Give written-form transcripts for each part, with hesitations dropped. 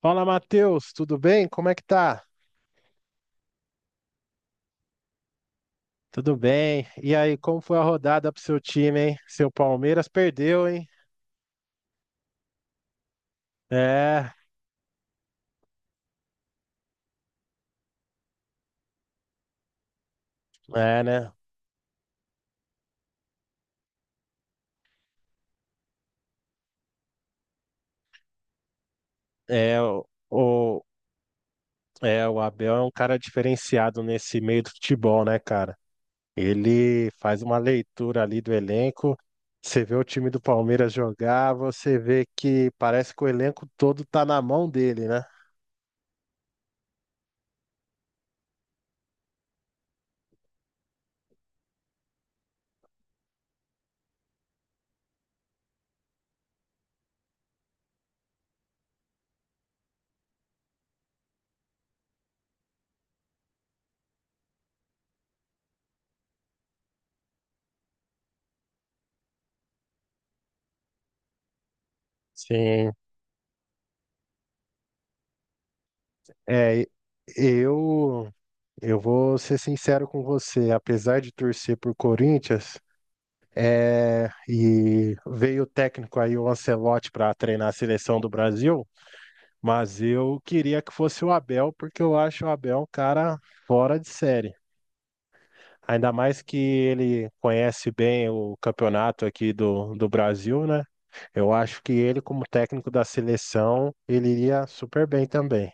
Fala, Matheus, tudo bem? Como é que tá? Tudo bem. E aí, como foi a rodada pro seu time, hein? Seu Palmeiras perdeu, hein? É, é, né? É, o, o- o Abel é um cara diferenciado nesse meio do futebol, né, cara? Ele faz uma leitura ali do elenco. Você vê o time do Palmeiras jogar, você vê que parece que o elenco todo tá na mão dele, né? Sim. É, eu Eu vou ser sincero com você, apesar de torcer por Corinthians, e veio o técnico aí, o Ancelotti, para treinar a seleção do Brasil, mas eu queria que fosse o Abel, porque eu acho o Abel um cara fora de série. Ainda mais que ele conhece bem o campeonato aqui do Brasil, né? Eu acho que ele, como técnico da seleção, ele iria super bem também.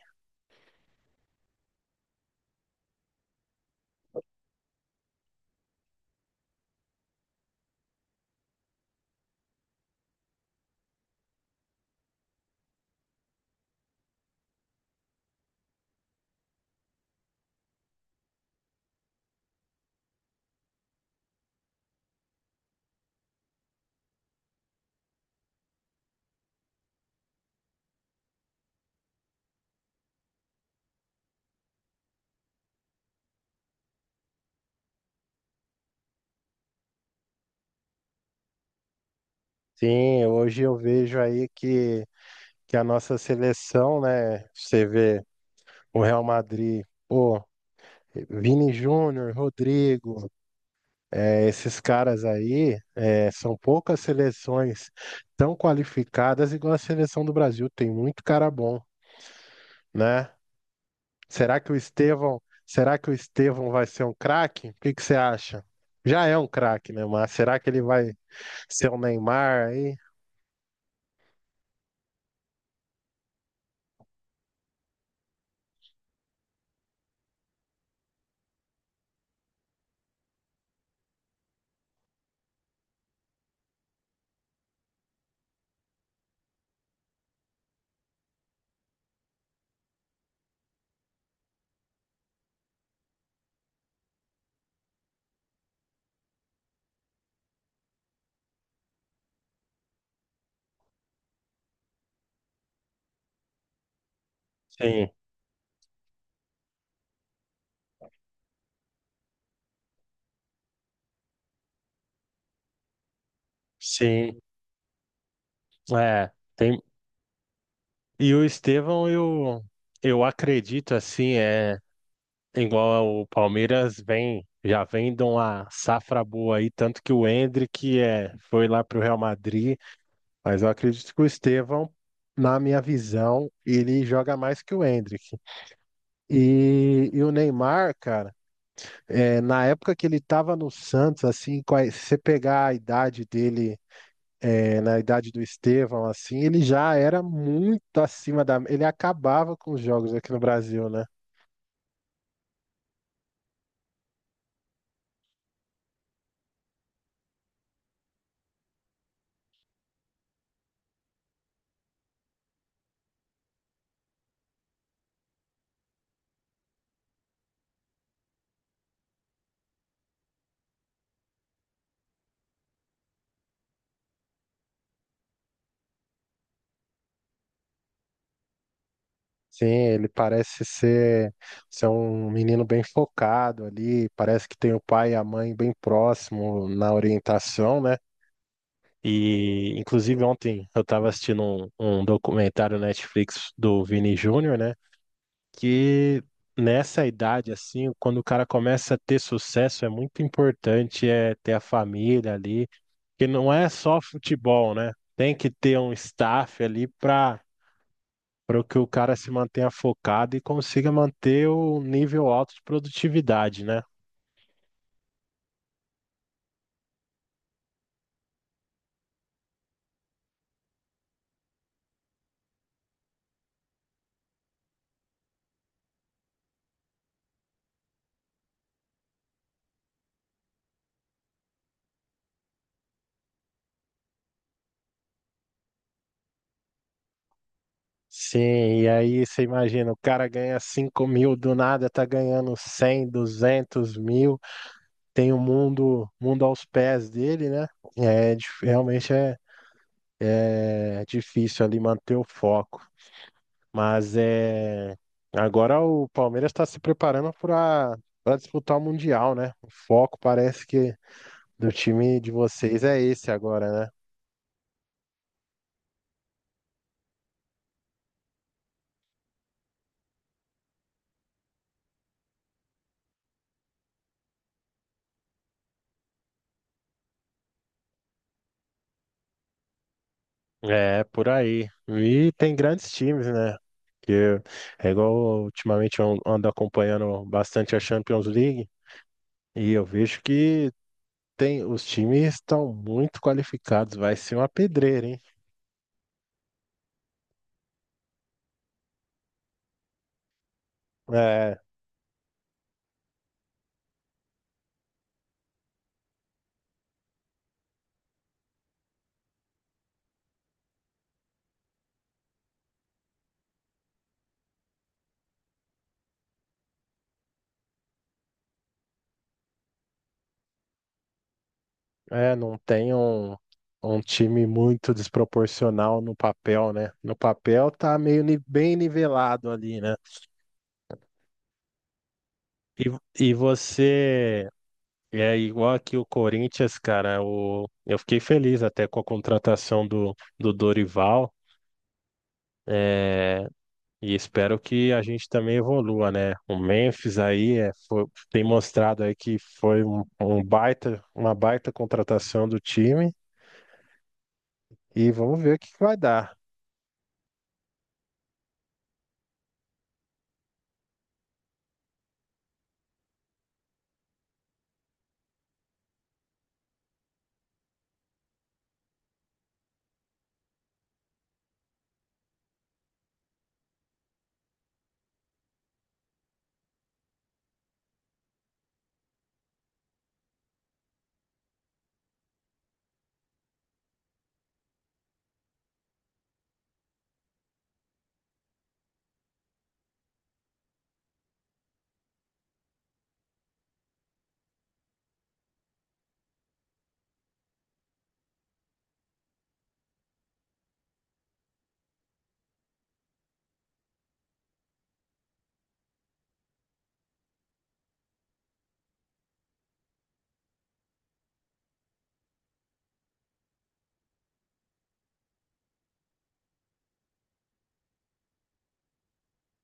Sim, hoje eu vejo aí que a nossa seleção, né? Você vê o Real Madrid, pô, Vini Júnior, Rodrigo, esses caras aí, são poucas seleções tão qualificadas igual a seleção do Brasil. Tem muito cara bom, né? Será que o Estevão, será que o Estevão vai ser um craque? O que que você acha? Já é um craque, né? Mas será que ele vai ser o Neymar aí? Sim, sim. É, tem E o Estevão, eu acredito assim, é igual o Palmeiras vem, já vem de uma safra boa aí, tanto que o Endrick foi lá pro Real Madrid, mas eu acredito que o Estevão, na minha visão, ele joga mais que o Endrick. E o Neymar, cara, na época que ele tava no Santos, assim, se você pegar a idade dele na idade do Estevão, assim, ele já era muito acima da. Ele acabava com os jogos aqui no Brasil, né? Sim, ele parece ser, ser um menino bem focado ali, parece que tem o pai e a mãe bem próximo na orientação, né? E, inclusive, ontem eu estava assistindo um documentário Netflix do Vini Júnior, né? Que nessa idade, assim, quando o cara começa a ter sucesso, é muito importante ter a família ali, que não é só futebol, né? Tem que ter um staff ali para que o cara se mantenha focado e consiga manter o nível alto de produtividade, né? Sim, e aí você imagina, o cara ganha 5 mil, do nada tá ganhando 100, 200 mil, tem o mundo, mundo aos pés dele, né? Realmente é difícil ali manter o foco. Mas agora o Palmeiras está se preparando para disputar o Mundial, né? O foco parece que do time de vocês é esse agora, né? É, por aí. E tem grandes times, né? Que é igual ultimamente eu ando acompanhando bastante a Champions League e eu vejo que tem os times estão muito qualificados, vai ser uma pedreira, hein? É, é, não tem um, um time muito desproporcional no papel, né? No papel tá bem nivelado ali, né? E você é igual aqui o Corinthians, cara. O, eu fiquei feliz até com a contratação do Dorival. é, e espero que a gente também evolua, né? O Memphis aí tem mostrado aí que foi uma baita contratação do time. E vamos ver o que que vai dar.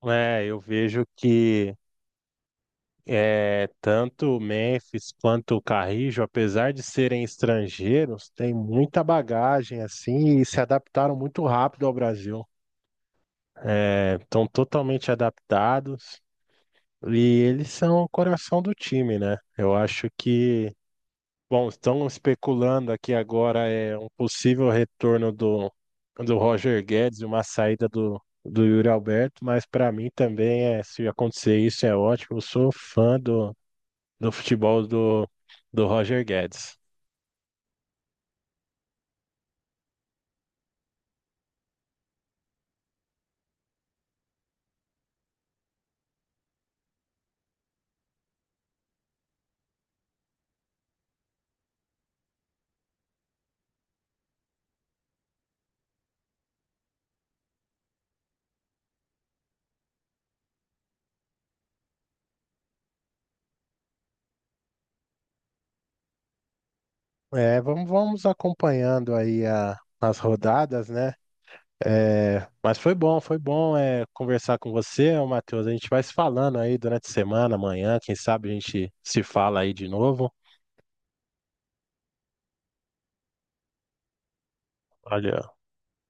É, eu vejo que é, tanto o Memphis quanto o Carrijo, apesar de serem estrangeiros, têm muita bagagem assim e se adaptaram muito rápido ao Brasil. É, estão totalmente adaptados e eles são o coração do time, né? Eu acho que bom, estão especulando aqui agora é um possível retorno do Roger Guedes e uma saída do Yuri Alberto, mas para mim também é, se acontecer isso é ótimo. Eu sou fã do, do futebol do Roger Guedes. É, vamos acompanhando aí as rodadas, né? É, mas foi bom conversar com você, ô Matheus. A gente vai se falando aí durante a semana, amanhã, quem sabe a gente se fala aí de novo. Olha,